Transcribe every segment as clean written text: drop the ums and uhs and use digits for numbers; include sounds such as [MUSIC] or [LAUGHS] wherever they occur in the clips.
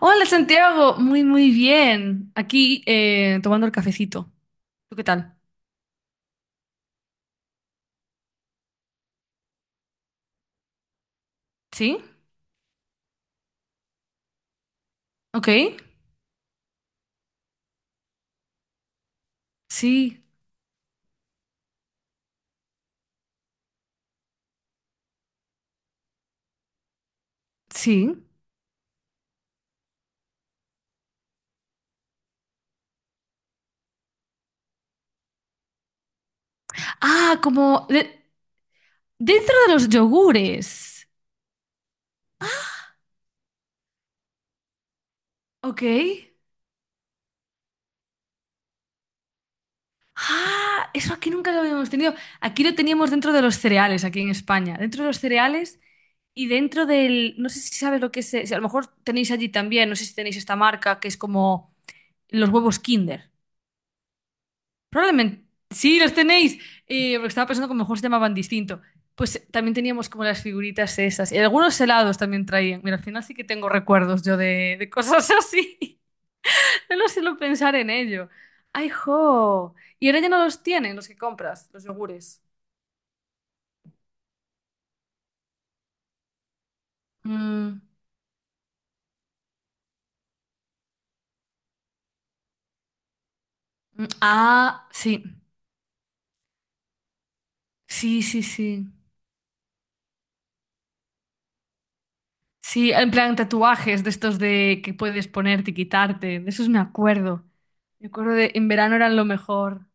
Hola Santiago, muy muy bien. Aquí tomando el cafecito. ¿Tú qué tal? ¿Sí? ¿Ok? Sí, sí. Ah, como dentro de los yogures. ¿Ok? Ah, eso aquí nunca lo habíamos tenido. Aquí lo teníamos dentro de los cereales, aquí en España. Dentro de los cereales y dentro del. No sé si sabes lo que es, si a lo mejor tenéis allí también, no sé si tenéis esta marca que es como los huevos Kinder. Probablemente. Sí, los tenéis. Porque estaba pensando que a lo mejor se llamaban distinto. Pues también teníamos como las figuritas esas. Y algunos helados también traían. Mira, al final sí que tengo recuerdos yo de cosas así. [LAUGHS] No sé, lo suelo pensar en ello. ¡Ay, jo! Y ahora ya no los tienen los que compras, los yogures. Mm. Mm, ah, sí. Sí, sí, sí. Sí, en plan tatuajes de estos de que puedes ponerte y quitarte. De esos me acuerdo. Me acuerdo de en verano eran lo mejor.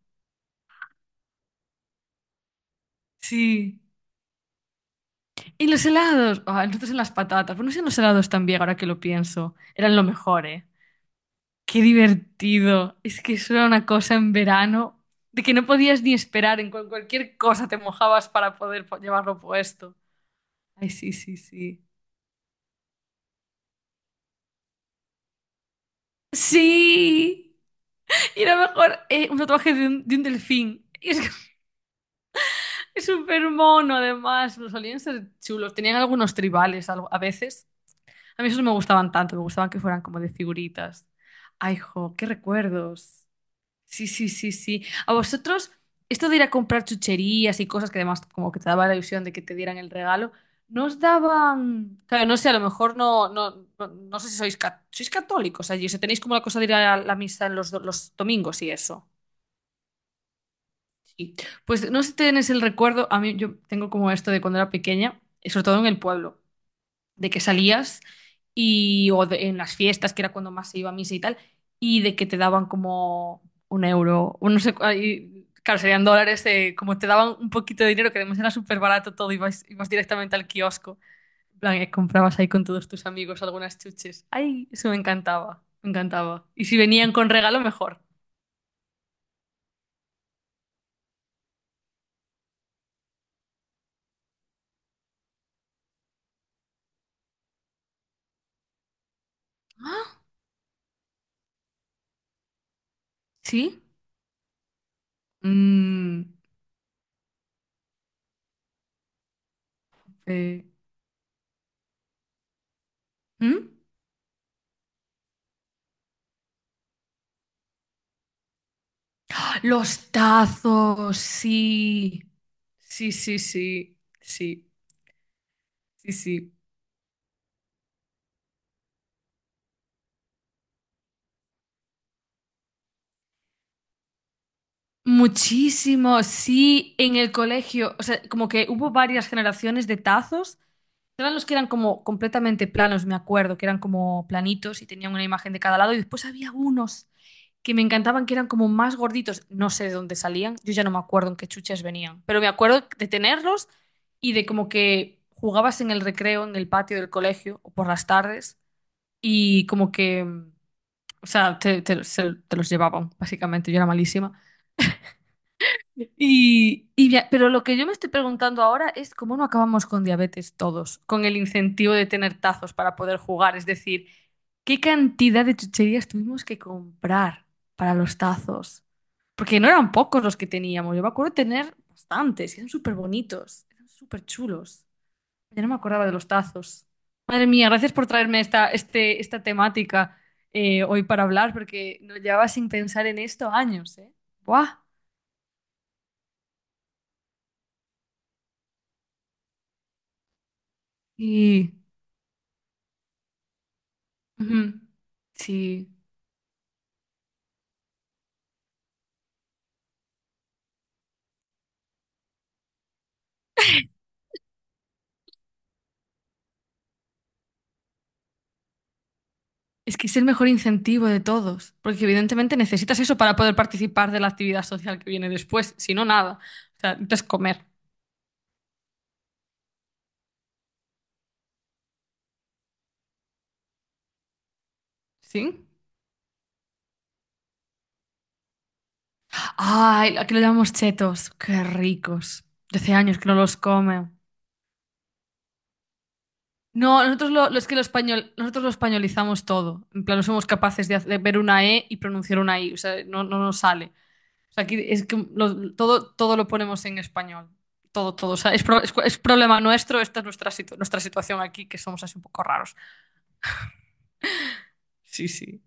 Sí. Y los helados. Ah, nosotros en las patatas. Bueno, si en los helados también, ahora que lo pienso. Eran lo mejor, ¿eh? Qué divertido. Es que eso era una cosa en verano de que no podías ni esperar. Cualquier cosa te mojabas para poder llevarlo puesto. Ay, sí, sí, sí. ¡Sí! Y era mejor un tatuaje de un delfín. Y es [LAUGHS] que es súper mono, además. Los solían ser chulos. Tenían algunos tribales a veces. A mí esos no me gustaban tanto, me gustaban que fueran como de figuritas. Ay, jo, qué recuerdos. Sí, sí, sí, sí. A vosotros, esto de ir a comprar chucherías y cosas que además como que te daba la ilusión de que te dieran el regalo, ¿no os daban? Claro, no sé, a lo mejor no, no, no, no sé si sois, sois católicos allí, o sea, tenéis como la cosa de ir a la misa en los domingos y eso. Sí. Pues no sé si tenéis el recuerdo, a mí yo tengo como esto de cuando era pequeña, y sobre todo en el pueblo de que salías y en las fiestas, que era cuando más se iba a misa y tal, y de que te daban como 1 euro, o no sé, ahí, claro, serían dólares, como te daban un poquito de dinero, que además era súper barato todo, ibas directamente al kiosco, en plan, comprabas ahí con todos tus amigos algunas chuches. Ay, eso me encantaba, me encantaba. Y si venían con regalo, mejor. ¿Sí? Mm. eh, ¿Mm? ¡Ah, los tazos, sí! Sí, sí, sí, sí. Sí, sí. Muchísimo, sí, en el colegio, o sea, como que hubo varias generaciones de tazos. Eran los que eran como completamente planos, me acuerdo, que eran como planitos y tenían una imagen de cada lado. Y después había unos que me encantaban, que eran como más gorditos. No sé de dónde salían, yo ya no me acuerdo en qué chuches venían, pero me acuerdo de tenerlos y de como que jugabas en el recreo, en el patio del colegio o por las tardes y como que, o sea, te los llevaban, básicamente. Yo era malísima. Pero lo que yo me estoy preguntando ahora es cómo no acabamos con diabetes todos, con el incentivo de tener tazos para poder jugar. Es decir, ¿qué cantidad de chucherías tuvimos que comprar para los tazos? Porque no eran pocos los que teníamos. Yo me acuerdo de tener bastantes, y eran súper bonitos, eran súper chulos. Ya no me acordaba de los tazos. Madre mía, gracias por traerme esta temática hoy para hablar, porque no llevaba sin pensar en esto años, ¿eh? ¡Buah! Y... Ujú. Sí, es que es el mejor incentivo de todos, porque evidentemente necesitas eso para poder participar de la actividad social que viene después, si no, nada. O sea, necesitas comer, ¿sí? Ay, aquí lo llamamos chetos, qué ricos. De hace años que no los come. No, nosotros es que lo español, nosotros lo españolizamos todo. En plan, no somos capaces de ver una E y pronunciar una I, o sea, no, no nos sale. O sea, aquí es que todo, todo lo ponemos en español. Todo, todo. O sea, es problema nuestro, esta es nuestra situación aquí, que somos así un poco raros. Sí, sí.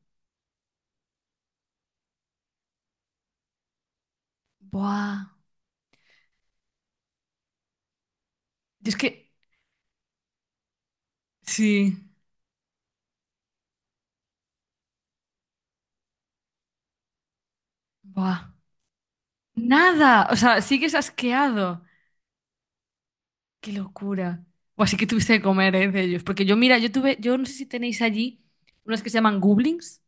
Buah. Y es que, sí. Buah. Nada. O sea, sigues asqueado. Qué locura. O así que tuviste que comer, de ellos. Porque yo, mira, yo no sé si tenéis allí unas que se llaman goblins.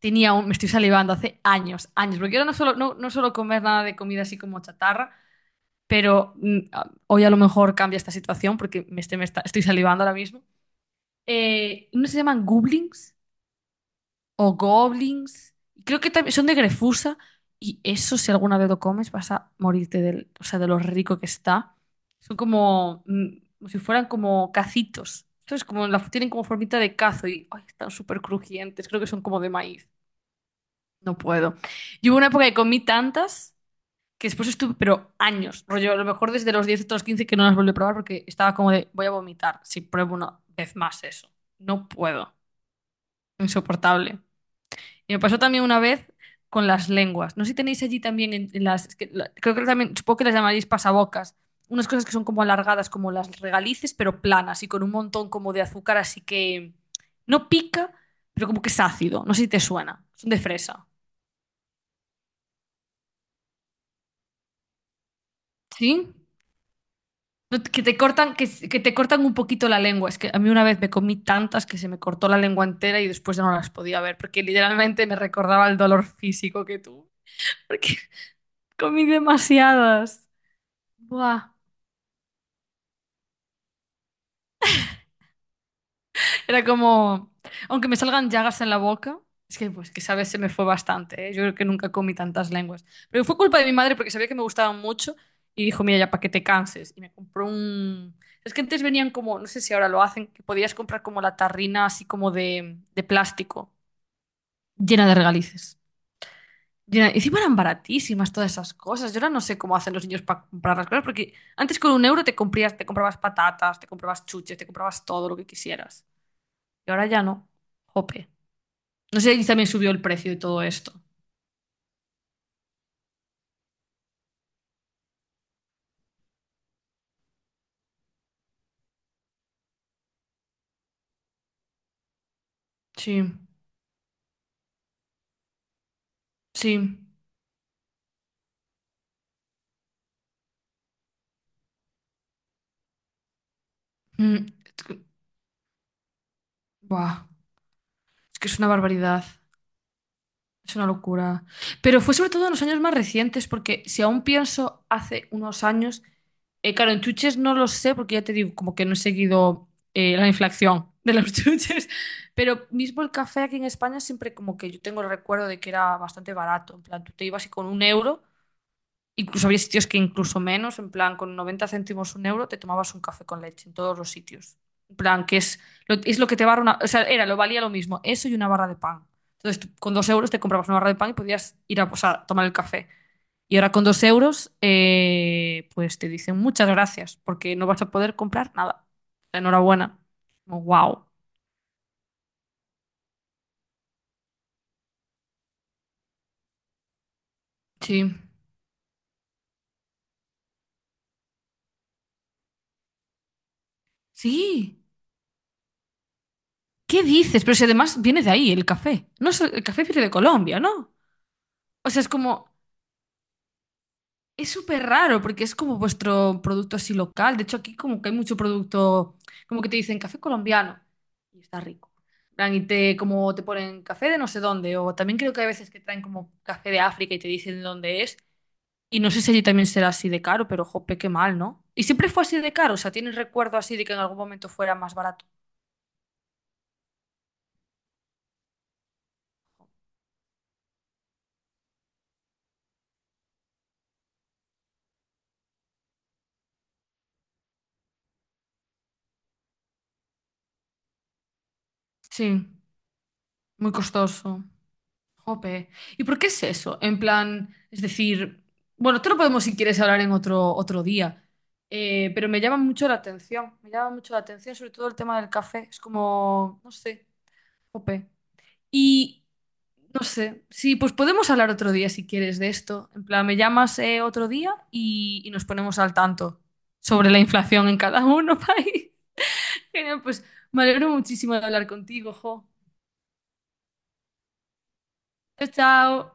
Tenía un, me estoy salivando hace años, años, porque yo no solo no, no suelo comer nada de comida así como chatarra, pero hoy a lo mejor cambia esta situación porque me estoy, me está- estoy salivando ahora mismo. Unos se llaman goblins o goblins. Creo que también son de Grefusa y eso si alguna vez lo comes vas a morirte del, o sea, de lo rico que está. Son como, como si fueran como cacitos. Entonces, tienen como formita de cazo y ay, están súper crujientes. Creo que son como de maíz. No puedo. Y hubo una época que comí tantas que después estuve, pero años, rollo, a lo mejor desde los 10 hasta los 15 que no las volví a probar porque estaba como de, voy a vomitar si pruebo una vez más eso. No puedo, insoportable. Y me pasó también una vez con las lenguas. No sé si tenéis allí también en las, es que la- creo que también, supongo que las llamaréis pasabocas, unas cosas que son como alargadas, como las regalices, pero planas y con un montón como de azúcar, así que no pica, pero como que es ácido. No sé si te suena, son de fresa. ¿Sí? No, que te cortan, que te cortan un poquito la lengua. Es que a mí una vez me comí tantas que se me cortó la lengua entera y después ya no las podía ver, porque literalmente me recordaba el dolor físico que tuve. Porque [LAUGHS] comí demasiadas. Buah. Era como, aunque me salgan llagas en la boca, es que pues que sabes, se me fue bastante, ¿eh? Yo creo que nunca comí tantas lenguas. Pero fue culpa de mi madre porque sabía que me gustaban mucho y dijo, mira, ya para que te canses. Y me compró un. Es que antes venían como, no sé si ahora lo hacen, que podías comprar como la tarrina así como de plástico, llena de regalices. Llena, y encima eran baratísimas todas esas cosas. Yo ahora no sé cómo hacen los niños para comprar las cosas, porque antes con 1 euro te comprabas patatas, te comprabas chuches, te comprabas todo lo que quisieras. Y ahora ya no. Jope. No sé si también subió el precio y todo esto. Sí, sí. Mm, es que- Buah, es que es una barbaridad, es una locura. Pero fue sobre todo en los años más recientes, porque si aún pienso hace unos años, claro, en chuches no lo sé, porque ya te digo, como que no he seguido la inflación de los [LAUGHS] chuches, pero mismo el café aquí en España siempre como que yo tengo el recuerdo de que era bastante barato, en plan, tú te ibas y con 1 euro. Incluso había sitios que incluso menos, en plan, con 90 céntimos 1 euro te tomabas un café con leche en todos los sitios. En plan, que es lo que te barra una. O sea, era, lo valía lo mismo, eso y una barra de pan. Entonces, tú con 2 euros te comprabas una barra de pan y podías ir a, o sea, tomar el café. Y ahora con 2 euros, pues te dicen muchas gracias, porque no vas a poder comprar nada. Enhorabuena. Como, wow. Sí. Sí. ¿Qué dices? Pero si además viene de ahí el café. No es- El café viene de Colombia, ¿no? O sea, es como. Es súper raro porque es como vuestro producto así local. De hecho, aquí como que hay mucho producto, como que te dicen café colombiano y está rico. En plan, y te, como te ponen café de no sé dónde, o también creo que hay veces que traen como café de África y te dicen de dónde es. Y no sé si allí también será así de caro, pero jope, qué mal, ¿no? Y siempre fue así de caro, o sea, ¿tienes recuerdo así de que en algún momento fuera más barato? Sí, muy costoso. Jope. ¿Y por qué es eso? En plan, es decir, bueno, te lo podemos si quieres hablar en otro, otro día. Pero me llama mucho la atención, me llama mucho la atención, sobre todo el tema del café, es como, no sé, jope. Y, no sé, sí, pues podemos hablar otro día si quieres de esto, en plan, me llamas otro día y nos ponemos al tanto sobre la inflación en cada uno, [LAUGHS] país. Genial, pues me alegro muchísimo de hablar contigo, jo. Chao, chao.